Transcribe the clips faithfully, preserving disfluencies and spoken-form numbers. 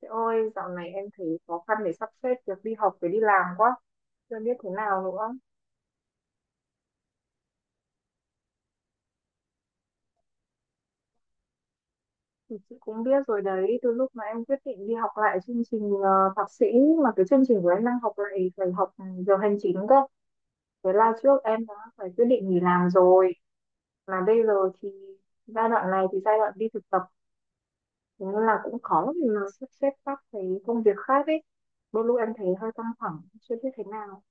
Chị ơi, dạo này em thấy khó khăn để sắp xếp việc đi học với đi làm quá. Chưa biết thế nào nữa. Thì chị cũng biết rồi đấy, từ lúc mà em quyết định đi học lại chương trình ờ, thạc sĩ, mà cái chương trình của em đang học lại phải học ừ, giờ hành chính cơ. Thế là trước em đã phải quyết định nghỉ làm rồi. Mà bây giờ thì giai đoạn này thì giai đoạn đi thực tập, thế nên là cũng khó để mà sắp xếp các cái công việc khác ấy. Đôi lúc em thấy hơi căng thẳng, chưa biết thế nào.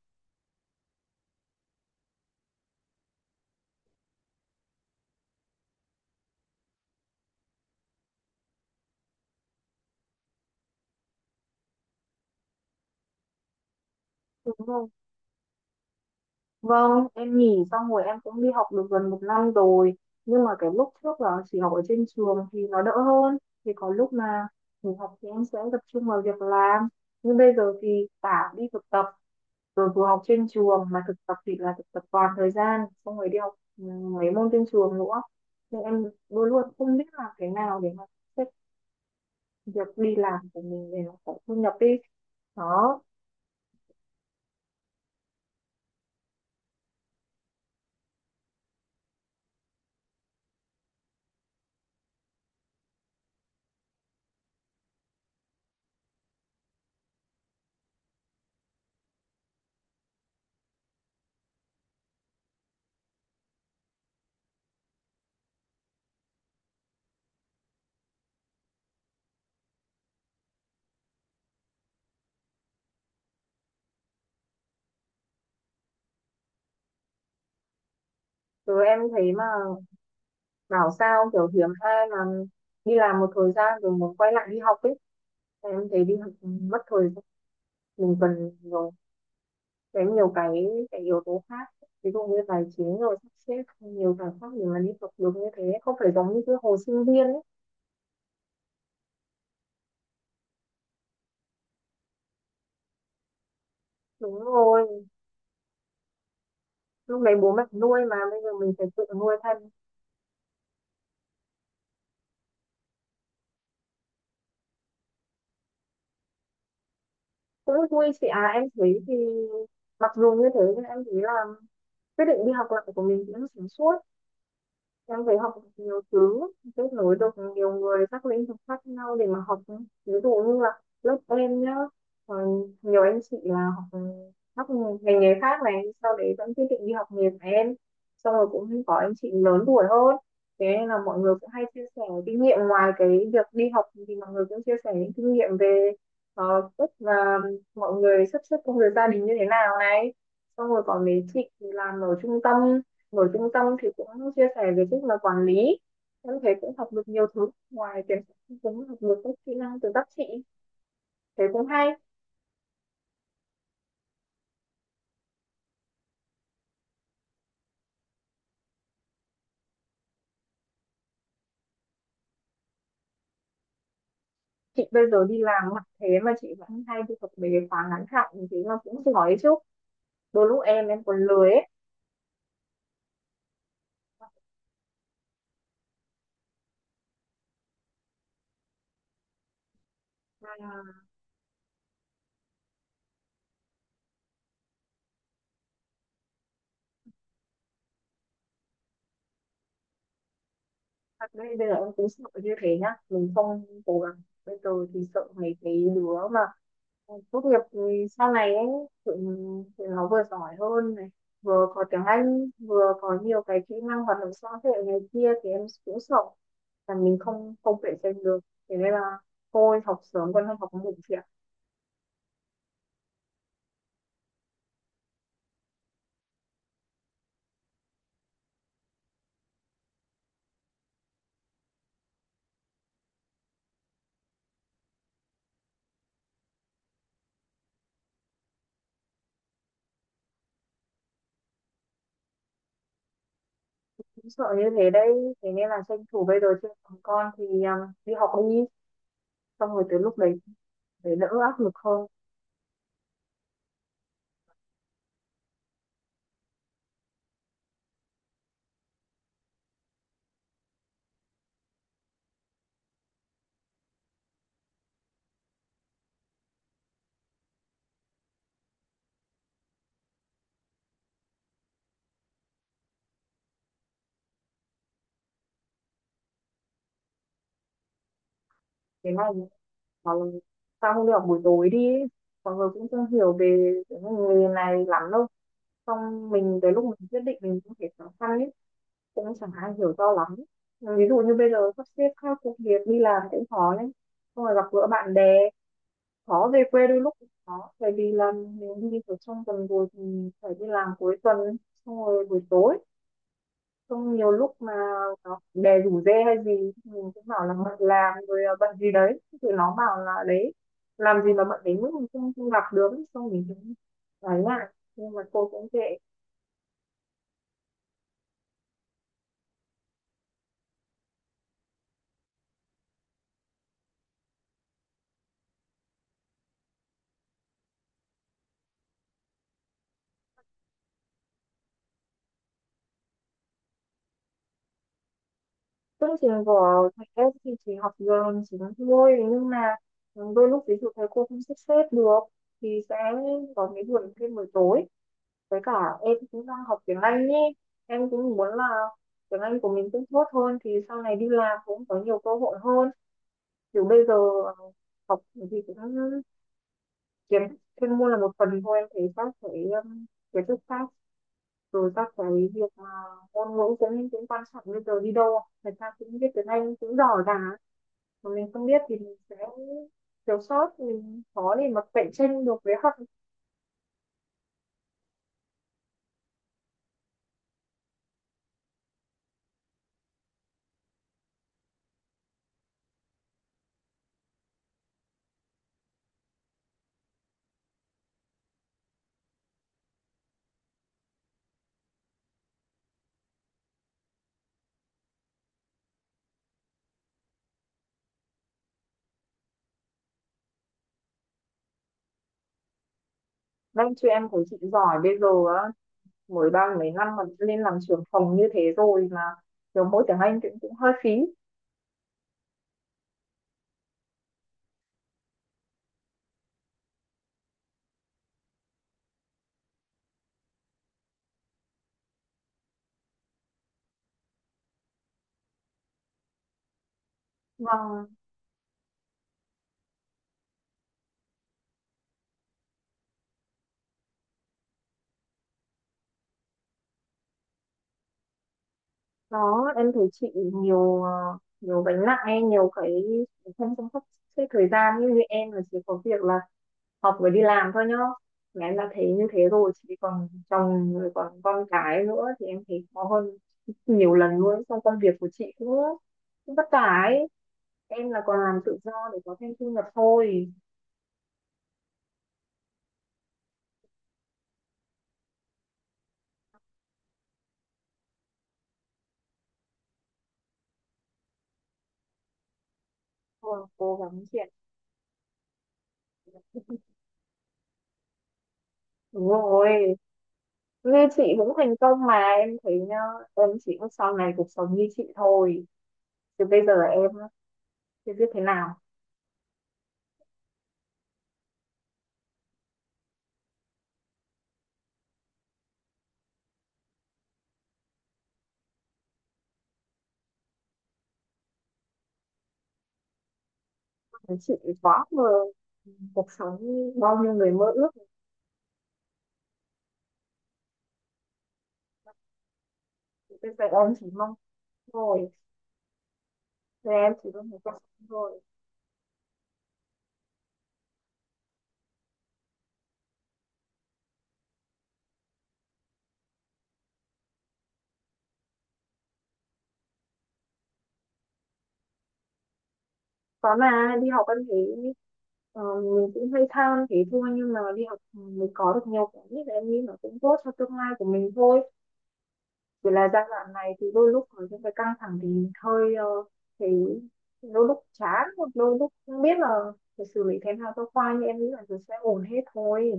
Đúng rồi. Vâng, em nghỉ xong rồi em cũng đi học được gần một năm rồi. Nhưng mà cái lúc trước là chỉ học ở trên trường thì nó đỡ hơn. Thì có lúc mà nghỉ học thì em sẽ tập trung vào việc làm. Nhưng bây giờ thì cả đi thực tập, rồi vừa học trên trường mà thực tập thì là thực tập toàn thời gian, xong rồi đi học ừ, mấy môn trên trường nữa. Nên em luôn luôn không biết làm cái nào để mà xếp việc đi làm của mình để nó có thu nhập đi. Đó, rồi em thấy mà bảo sao kiểu hiếm ai mà đi làm một thời gian rồi muốn quay lại đi học ấy, em thấy đi học mất thời gian. Mình cần nhiều cái nhiều cái cái yếu tố khác, ví dụ như tài chính rồi sắp xếp nhiều giải pháp để mà đi học được như thế, không phải giống như cái hồi sinh viên ấy. Đúng rồi, lúc đấy bố mẹ nuôi mà bây giờ mình phải tự nuôi thân. Cũng vui chị à, em thấy thì mặc dù như thế nhưng em thấy là quyết định đi học lại của mình cũng sáng suốt. Em phải học nhiều thứ, kết nối được nhiều người các lĩnh vực khác nhau để mà học. Ví dụ như là lớp em nhá, ờ, nhiều anh chị là học các ngành nghề khác này, sau đấy vẫn quyết định đi học nghề của em. Xong rồi cũng có anh chị lớn tuổi hơn, thế nên là mọi người cũng hay chia sẻ kinh nghiệm ngoài cái việc đi học, thì mọi người cũng chia sẻ những kinh nghiệm về ờ, cách là mọi người sắp xếp công việc gia đình như thế nào này. Xong rồi còn mấy chị thì làm ở trung tâm ở trung tâm thì cũng chia sẻ về cách mà quản lý. Em thấy cũng học được nhiều thứ ngoài tiền, cũng học được các kỹ năng từ các chị, thế cũng hay. Chị bây giờ đi làm mặc thế mà chị vẫn hay đi học về khóa ngắn hạn, thế là cũng giỏi chứ, đôi lúc em em còn lười ấy. Mà thật đấy, bây giờ em cũng sợ như thế nhá, mình không cố gắng bây giờ thì sợ mấy cái đứa mà, ừ, tốt nghiệp thì sau này ấy, tự, tự nó vừa giỏi hơn này, vừa có tiếng Anh, vừa có nhiều cái kỹ năng hoạt động xã hội này kia, thì em cũng sợ là mình không không cạnh tranh được. Thế nên là thôi học sớm còn hơn học muộn chị ạ. Cũng sợ như thế đấy, thế nên là tranh thủ bây giờ chưa còn con thì um, đi học đi, xong rồi tới lúc đấy để đỡ áp lực hơn. Thế này, mà sao không đi học buổi tối đi ấy? Mọi người cũng không hiểu về cái nghề này lắm đâu, xong mình tới lúc mình quyết định mình cũng thấy khó khăn ấy, cũng chẳng ai hiểu do lắm. Ví dụ như bây giờ sắp xếp các công việc đi làm cũng khó đấy, xong rồi gặp gỡ bạn bè, khó, về quê đôi lúc cũng khó bởi vì là nếu như ở trong tuần rồi thì phải đi làm cuối tuần, xong rồi buổi tối, xong nhiều lúc mà nó bè rủ rê hay gì, mình cũng bảo là bận làm rồi, à, bận gì đấy, thì nó bảo là đấy, làm gì mà bận đến mức mình không không gặp được, xong mình cũng nói lại nhưng mà cô cũng kệ. Chương trình của thầy em thì chỉ học giờ, chỉ nói thôi, nhưng mà ừ, đôi lúc ví dụ thầy cô không sắp xếp được thì sẽ có cái buổi thêm buổi tối. Với cả em cũng đang học tiếng Anh nhé, em cũng muốn là tiếng Anh của mình cũng tốt hơn thì sau này đi làm cũng có nhiều cơ hội hơn. Kiểu bây giờ ờ, học thì cũng kiếm, chuyên môn là một phần thôi, em thấy các cái um, kiến thức khác rồi các cái việc mà ngôn ngữ cũng cũng quan trọng, bây giờ đi đâu người ta cũng biết tiếng Anh cũng giỏi cả, mà mình không biết thì mình sẽ thiếu sót, mình khó để mà cạnh tranh được với học. Các chị em của chị giỏi bây giờ á, mới ba mấy năm mà lên làm trưởng phòng như thế rồi mà kiểu mỗi tiếng Anh cũng cũng hơi phí. Và đó em thấy chị nhiều, ờ, nhiều gánh nặng ấy, nhiều cái không chăm sóc cái thời gian, như, như em là chỉ có việc là học với đi làm thôi nhá, mà em đã thấy như thế rồi, chỉ còn chồng rồi còn con cái nữa thì em thấy khó hơn nhiều lần luôn. Trong công việc của chị cũng cũng vất vả ấy, em là còn làm tự do để có thêm thu nhập thôi. Thôi cố gắng chuyện, đúng rồi, như chị cũng thành công mà em thấy nhá, em chỉ ước sau này cuộc sống như chị thôi, chứ bây giờ em á, chưa biết thế nào. Chị quá mơ, cuộc sống như bao nhiêu người mơ ước. Bây giờ em chỉ mong thôi. Rồi em chỉ có một trăm thôi. Có mà đi học em thấy ờ, mình cũng hay tham thế thôi, nhưng mà đi học mình có được nhiều cái nhất, em nghĩ nó cũng tốt cho tương lai của mình thôi. Chỉ là giai đoạn này thì đôi lúc có những cái căng thẳng thì mình hơi ờ, thấy đôi lúc chán, hoặc đôi lúc không biết là phải xử lý thế nào cho khoai, nhưng em nghĩ là rồi sẽ ổn hết thôi.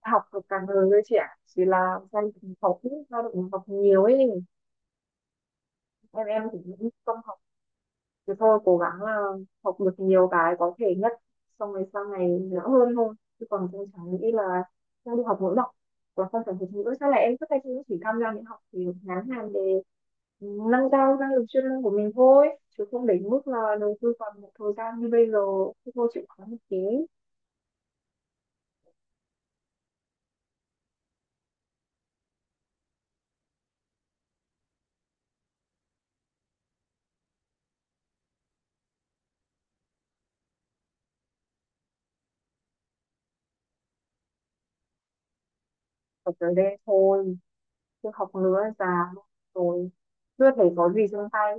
Học được cả người với trẻ, chỉ là gia đình học ít, gia đình học nhiều ấy. Em em thì những công thì thôi cố gắng là học được nhiều cái có thể nhất, xong rồi sau này dễ hơn thôi, chứ còn tôi chẳng nghĩ là không đi học ngữ đâu. Và không phải học ngữ sao lại em cứ tay cũng chỉ tham gia những học thì ngắn hạn để nâng cao năng lực chuyên môn của mình thôi, chứ không đến mức là đầu tư vào một thời gian như bây giờ thì cô chịu khó một tí. Ở tới đây thôi, chứ học nữa già rồi chưa thấy có gì trong tay.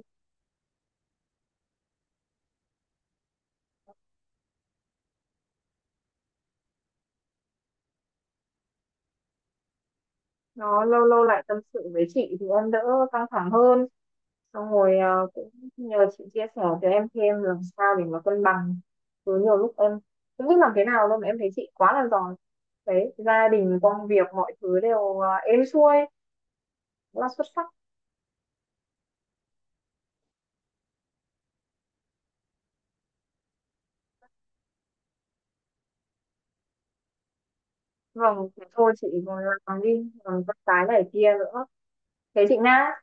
Nó lâu lâu lại tâm sự với chị thì em đỡ căng thẳng hơn, xong rồi à, cũng nhờ chị chia sẻ cho em thêm làm sao để mà cân bằng. Cứ nhiều lúc em không biết làm thế nào đâu, mà em thấy chị quá là giỏi đấy, gia đình công việc mọi thứ đều à, êm xuôi, rất là xuất sắc. Vâng, thế thôi chị còn làm đi, còn con cái này kia nữa, thế chị Nga.